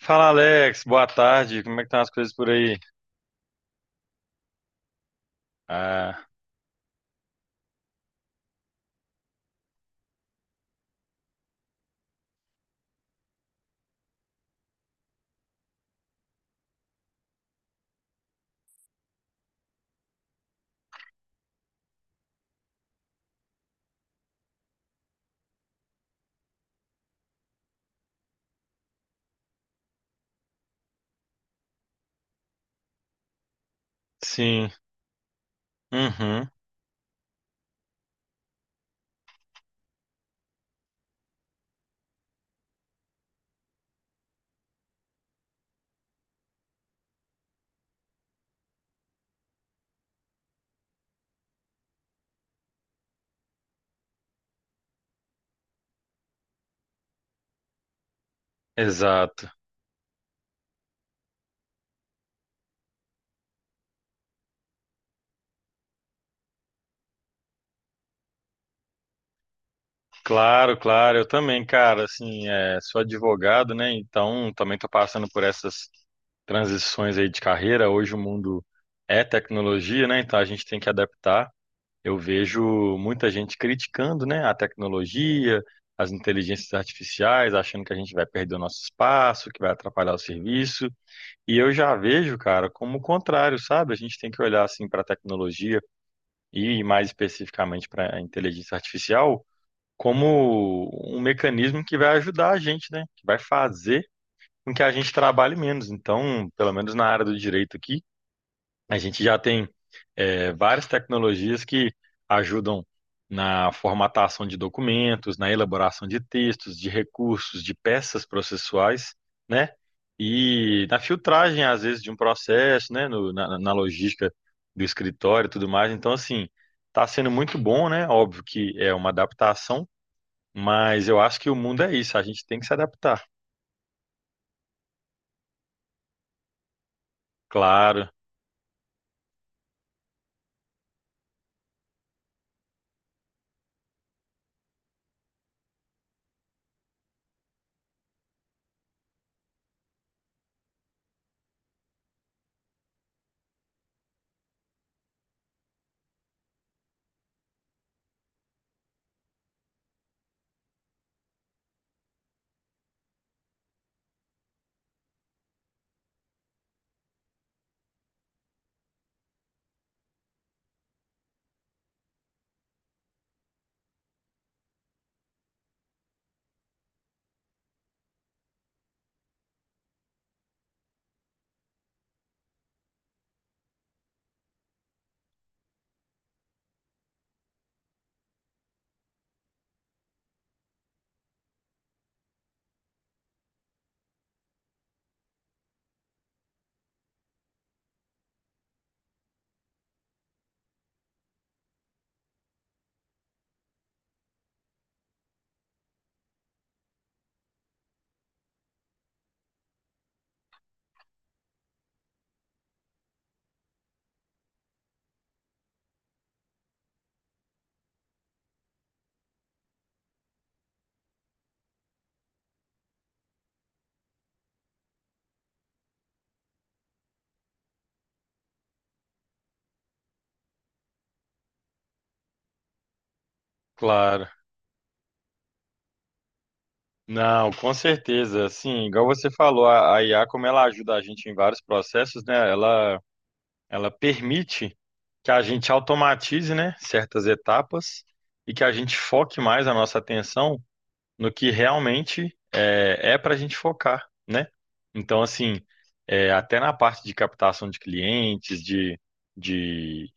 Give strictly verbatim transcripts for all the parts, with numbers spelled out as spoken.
Fala Alex, boa tarde. Como é que estão as coisas por aí? Ah, sim. Uhum, exato. Claro, claro, eu também, cara, assim, é, sou advogado, né? Então, também tô passando por essas transições aí de carreira. Hoje o mundo é tecnologia, né? Então a gente tem que adaptar. Eu vejo muita gente criticando, né, a tecnologia, as inteligências artificiais, achando que a gente vai perder o nosso espaço, que vai atrapalhar o serviço. E eu já vejo, cara, como o contrário, sabe? A gente tem que olhar assim para a tecnologia e mais especificamente para a inteligência artificial como um mecanismo que vai ajudar a gente, né? Que vai fazer com que a gente trabalhe menos. Então, pelo menos na área do direito aqui, a gente já tem eh, várias tecnologias que ajudam na formatação de documentos, na elaboração de textos, de recursos, de peças processuais, né? E na filtragem, às vezes, de um processo, né? No- na, na logística do escritório e tudo mais. Então, assim, está sendo muito bom, né? Óbvio que é uma adaptação, mas eu acho que o mundo é isso, a gente tem que se adaptar. Claro, claro. Não, com certeza. Assim, igual você falou, a a I A, como ela ajuda a gente em vários processos, né? Ela, ela permite que a gente automatize, né, certas etapas e que a gente foque mais a nossa atenção no que realmente é, é para a gente focar, né? Então, assim, é, até na parte de captação de clientes, de, de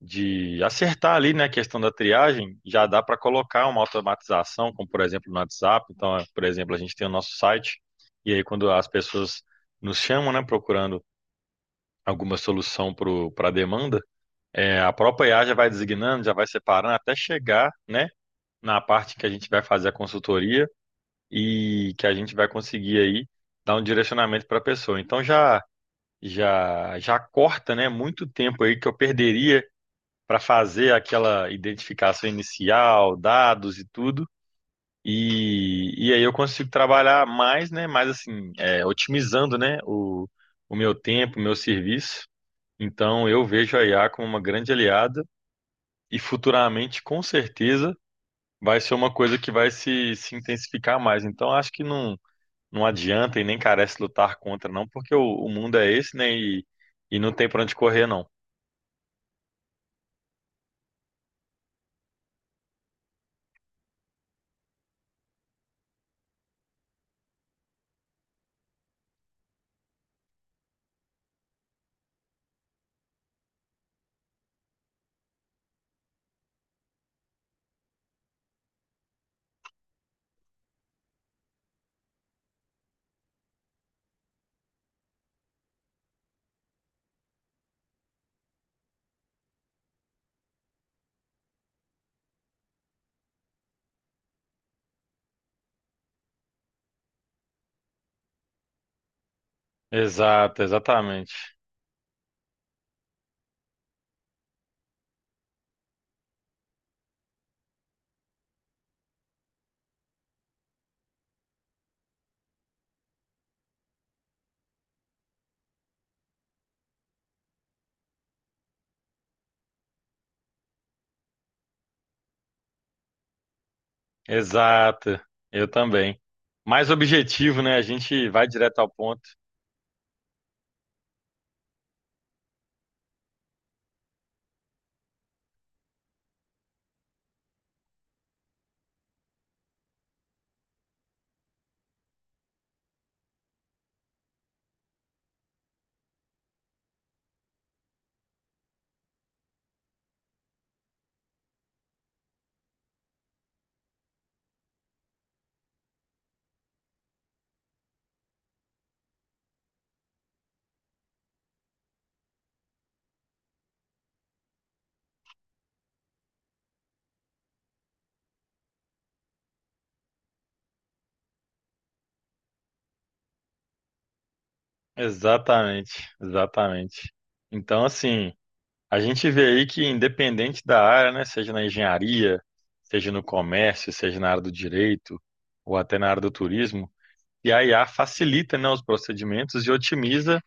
de acertar ali, né, a questão da triagem, já dá para colocar uma automatização, como por exemplo no WhatsApp. Então, é, por exemplo, a gente tem o nosso site, e aí quando as pessoas nos chamam, né, procurando alguma solução para a demanda, é, a própria I A já vai designando, já vai separando, até chegar, né, na parte que a gente vai fazer a consultoria e que a gente vai conseguir aí dar um direcionamento para a pessoa. Então, já já já corta, né, muito tempo aí que eu perderia para fazer aquela identificação inicial, dados e tudo. E, e aí eu consigo trabalhar mais, né? Mais assim, é, otimizando, né? O, o meu tempo, o meu serviço. Então eu vejo a I A como uma grande aliada e futuramente, com certeza, vai ser uma coisa que vai se, se intensificar mais. Então acho que não, não adianta e nem carece lutar contra, não, porque o, o mundo é esse, né? E, e não tem para onde correr, não. Exato, exatamente. Exato, eu também. Mais objetivo, né? A gente vai direto ao ponto. Exatamente, exatamente. Então, assim, a gente vê aí que independente da área, né, seja na engenharia, seja no comércio, seja na área do direito ou até na área do turismo, e a I A facilita, né, os procedimentos e otimiza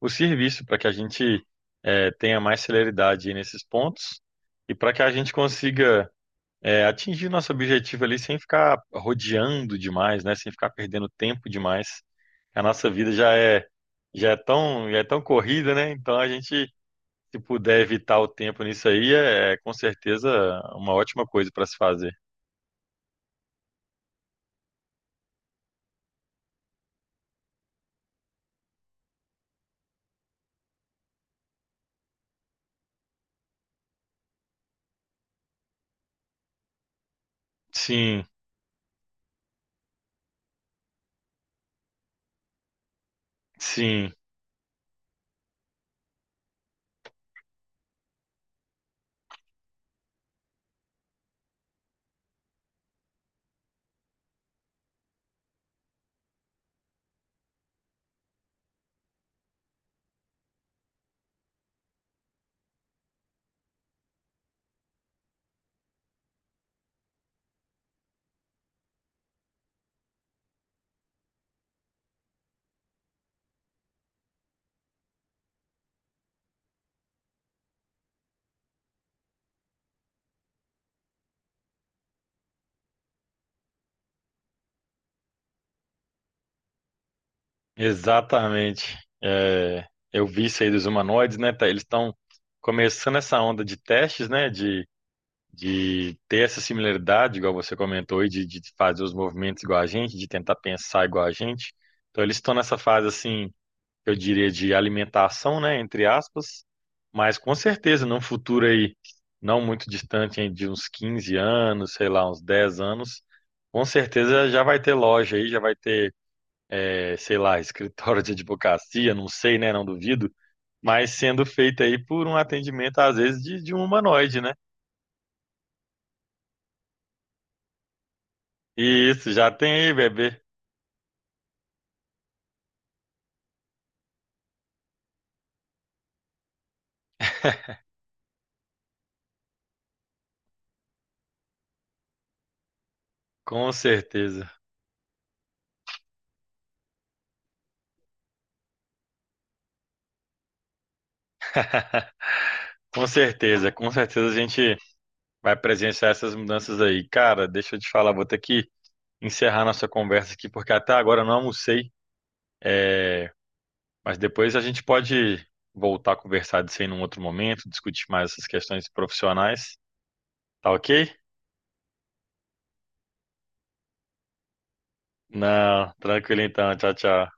o serviço para que a gente eh, tenha mais celeridade aí nesses pontos e para que a gente consiga é, atingir nosso objetivo ali sem ficar rodeando demais, né? Sem ficar perdendo tempo demais. A nossa vida já é já é tão já é tão corrida, né? Então a gente se puder evitar o tempo nisso aí é, é com certeza uma ótima coisa para se fazer. Sim, sim, exatamente. É, eu vi isso aí dos humanoides, né? Tá? Eles estão começando essa onda de testes, né? De de ter essa similaridade, igual você comentou, e de, de fazer os movimentos igual a gente, de tentar pensar igual a gente. Então, eles estão nessa fase, assim, eu diria, de alimentação, né, entre aspas, mas com certeza, num futuro aí, não muito distante, hein, de uns quinze anos, sei lá, uns dez anos, com certeza já vai ter loja aí, já vai ter, eh, sei lá, escritório de advocacia, não sei, né, não duvido, mas sendo feito aí por um atendimento, às vezes, de, de um humanoide, né? E isso, já tem aí, bebê. Com certeza, com certeza, com certeza a gente vai presenciar essas mudanças aí. Cara, deixa eu te falar, vou ter que encerrar nossa conversa aqui, porque até agora eu não almocei, é, mas depois a gente pode voltar a conversar disso aí num outro momento, discutir mais essas questões profissionais, tá ok? Não, tranquilo então, tchau, tchau.